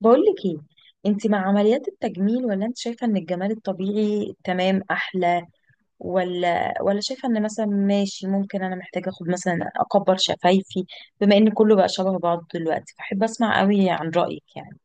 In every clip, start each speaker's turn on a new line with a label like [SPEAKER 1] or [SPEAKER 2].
[SPEAKER 1] بقولك ايه؟ انت مع عمليات التجميل ولا انت شايفة ان الجمال الطبيعي تمام احلى؟ ولا شايفة ان مثلا ماشي ممكن انا محتاجة اخد مثلا اكبر شفايفي؟ بما ان كله بقى شبه بعض دلوقتي، فاحب اسمع قوي عن رأيك يعني.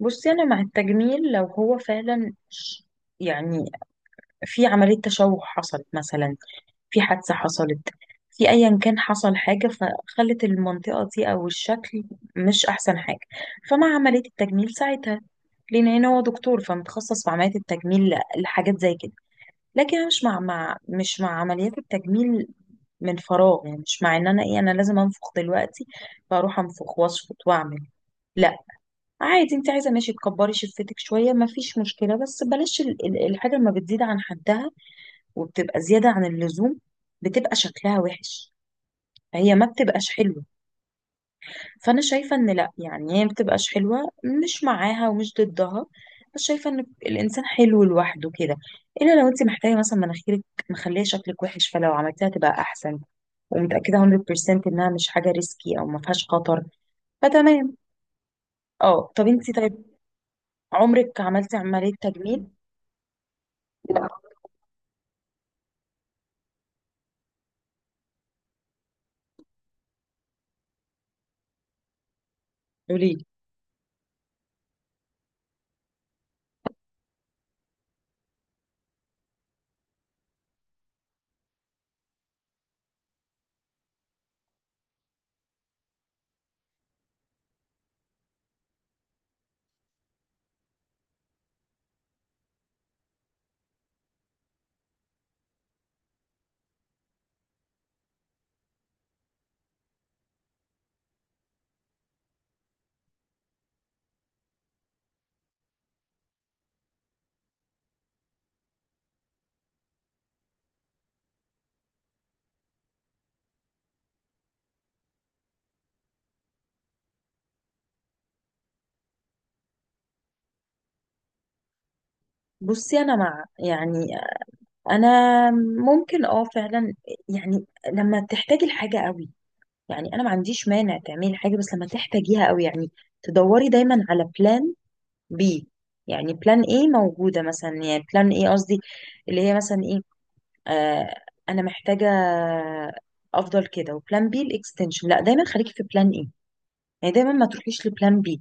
[SPEAKER 1] بصي، انا مع التجميل لو هو فعلا يعني في عملية تشوه حصلت، مثلا في حادثة حصلت، في ايا كان حصل حاجة فخلت المنطقة دي او الشكل مش احسن حاجة، فمع عملية التجميل ساعتها. لان هنا هو دكتور فمتخصص في عمليات التجميل لحاجات زي كده. لكن انا مش مع, مع مش مع عمليات التجميل من فراغ، يعني مش مع ان انا ايه، انا لازم انفخ دلوقتي فاروح انفخ واشفط واعمل، لا. عادي، انت عايزه ماشي تكبري شفتك شويه ما فيش مشكله، بس بلاش الحاجه لما بتزيد عن حدها وبتبقى زياده عن اللزوم، بتبقى شكلها وحش، هي ما بتبقاش حلوه. فانا شايفه ان لا، يعني هي ما بتبقاش حلوه. مش معاها ومش ضدها، بس شايفه ان الانسان حلو لوحده كده. الا لو انت محتاجه مثلا مناخيرك مخليه شكلك وحش، فلو عملتها تبقى احسن ومتاكده 100% انها مش حاجه ريسكي او ما فيهاش خطر، فتمام. اه، طب انت طيب، عمرك عملتي عمليه تجميل؟ لا. قولي. بصي، انا مع، يعني انا ممكن اه فعلا، يعني لما تحتاجي الحاجه قوي. يعني انا ما عنديش مانع تعملي حاجه بس لما تحتاجيها قوي. يعني تدوري دايما على بلان بي. يعني بلان ايه موجوده مثلا، يعني بلان ايه قصدي، اللي هي مثلا ايه. آه، انا محتاجه افضل كده، وبلان بي الاكستنشن، لا، دايما خليكي في بلان ايه. يعني دايما ما تروحيش لبلان بي.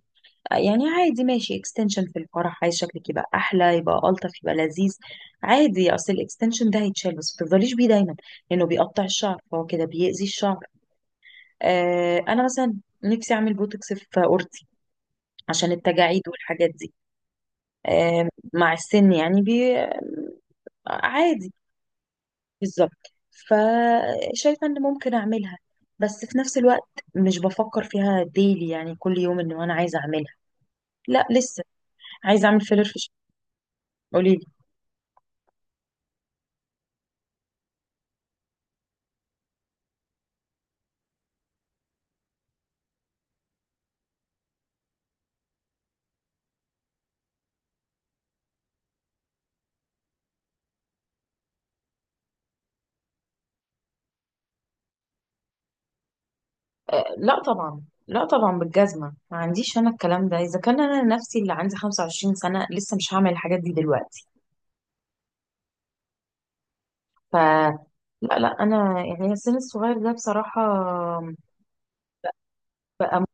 [SPEAKER 1] يعني عادي ماشي اكستنشن في الفرح، عايز شكلك يبقى احلى يبقى الطف يبقى لذيذ، عادي، اصل الاكستنشن ده هيتشال، بس ما تفضليش بيه دايما لانه بيقطع الشعر، فهو كده بيأذي الشعر. انا مثلا نفسي اعمل بوتوكس في اورتي عشان التجاعيد والحاجات دي. آه، مع السن يعني بي آه، عادي. بالظبط، فشايفه ان ممكن اعملها، بس في نفس الوقت مش بفكر فيها ديلي، يعني كل يوم ان انا عايزه اعملها، لا لسه. عايزه اعمل فيلر في. قولي لي. لا طبعا، لا طبعا بالجزمة، ما عنديش أنا الكلام ده. إذا كان أنا نفسي اللي عندي 25 سنة لسه مش هعمل الحاجات دي دلوقتي. ف لا لا، انا يعني السن الصغير ده بصراحه بقى م-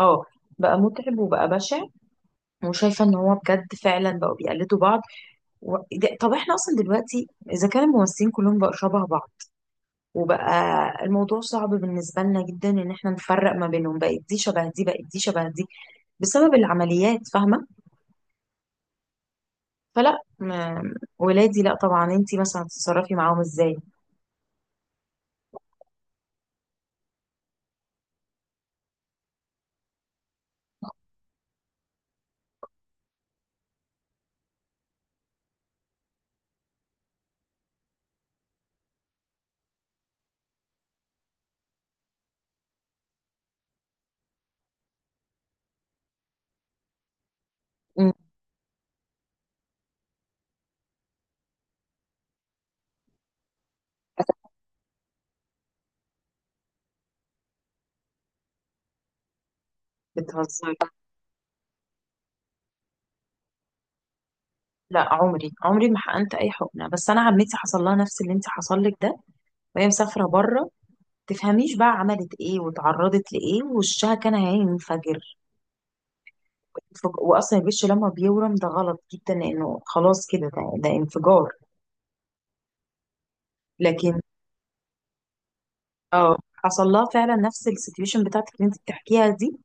[SPEAKER 1] اه، بقى متعب وبقى بشع. وشايفه ان هو بجد فعلا بقوا بيقلدوا بعض. طب احنا اصلا دلوقتي، اذا كان الممثلين كلهم بقوا شبه بعض، وبقى الموضوع صعب بالنسبه لنا جدا ان احنا نفرق ما بينهم، بقت دي شبه دي بقت دي شبه دي بسبب العمليات، فاهمه؟ فلا ما... ولادي لا طبعا. انتي مثلا تتصرفي معاهم ازاي؟ مم، بتهزري؟ لا، عمري عمري ما حقنت اي حقنه. بس انا عمتي حصل لها نفس اللي انت حصل لك ده، وهي مسافره بره. تفهميش بقى عملت ايه واتعرضت لايه، ووشها كان هينفجر. واصلا الوش لما بيورم ده غلط جدا، لانه خلاص كده، ده انفجار. لكن اه، حصل لها فعلا نفس السيتويشن بتاعتك اللي انت بتحكيها دي.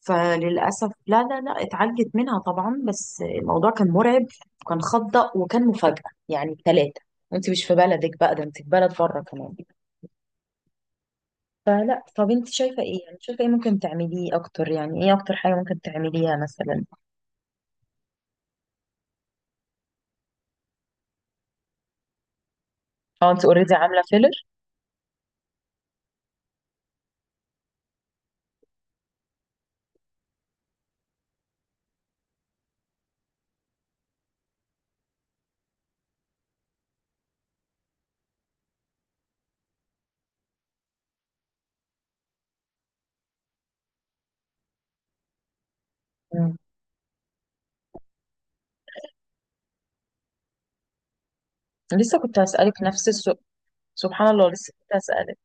[SPEAKER 1] فللاسف لا لا لا، اتعالجت منها طبعا، بس الموضوع كان مرعب وكان خضق وكان مفاجاه، يعني ثلاثه. وانت مش في بلدك، بقى ده انت في بلد بره كمان. فلا، طب انت شايفة ايه؟ يعني شايفة ايه ممكن تعمليه اكتر؟ يعني ايه اكتر حاجة ممكن تعمليها مثلا؟ اه، انت اوريدي عاملة فيلر. مم. لسه كنت هسألك نفس السؤال. سبحان الله، لسه كنت هسألك.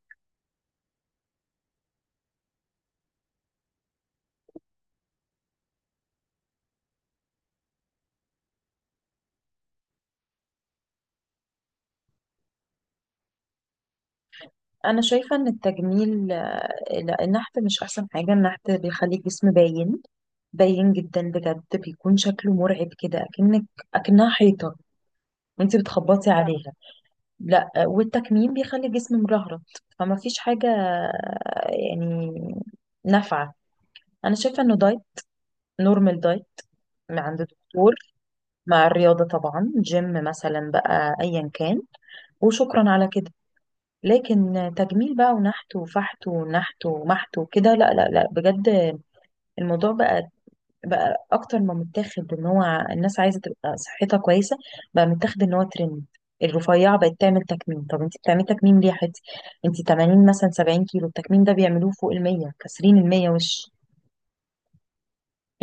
[SPEAKER 1] انا شايفة ان التجميل آه، لا، النحت مش احسن حاجة. النحت بيخلي الجسم باين، باين جدا بجد، بيكون شكله مرعب كده، اكنك اكنها حيطة وانت بتخبطي عليها. لا آه، والتكميم بيخلي الجسم مرهرة. فما فيش حاجة آه، يعني نافعة. انا شايفة انه دايت، نورمال دايت، من عند دكتور، مع الرياضة طبعا، جيم مثلا بقى أيا كان، وشكرا على كده. لكن تجميل بقى ونحت وفحت ونحت ومحت وكده، لا لا لا بجد. الموضوع بقى، بقى أكتر ما متاخد إن هو الناس عايزة تبقى صحتها كويسة، بقى متاخد إن هو ترند. الرفيعة بقت تعمل تكميم، طب انت بتعملي تكميم ليه يا حتي؟ انت 80 مثلا، 70 كيلو، التكميم ده بيعملوه فوق ال 100، كاسرين ال 100 وش.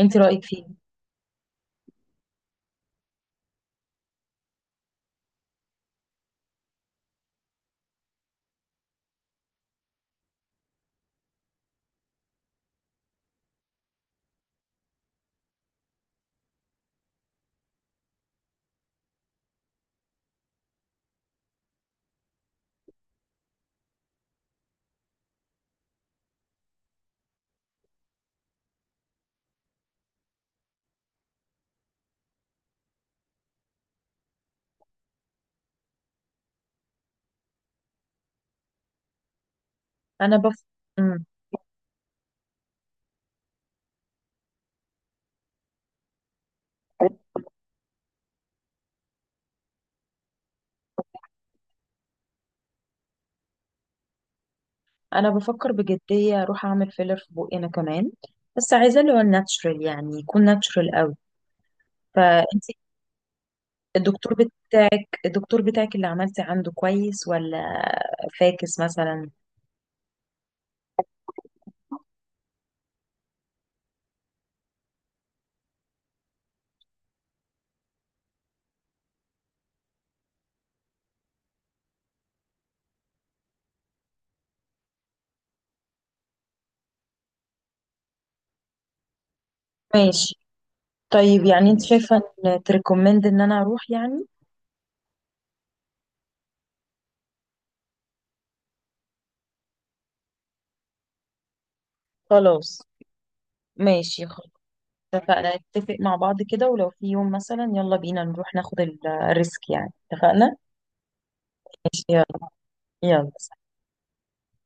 [SPEAKER 1] انت رأيك فيه؟ انا بف، مم. انا بفكر بجديه اروح اعمل فيلر في بقي انا كمان، بس عايزاه اللي هو الناتشرال، يعني يكون ناتشرال قوي. فانت، الدكتور بت... الدكتور بتاعك اللي عملتي عنده كويس ولا فاكس مثلا؟ ماشي. طيب، يعني انت شايفه ان تريكومند ان انا اروح يعني؟ خلاص، ماشي. خلاص اتفقنا، نتفق مع بعض كده، ولو في يوم مثلا يلا بينا نروح ناخد الريسك، يعني اتفقنا. ماشي، يلا، يلا.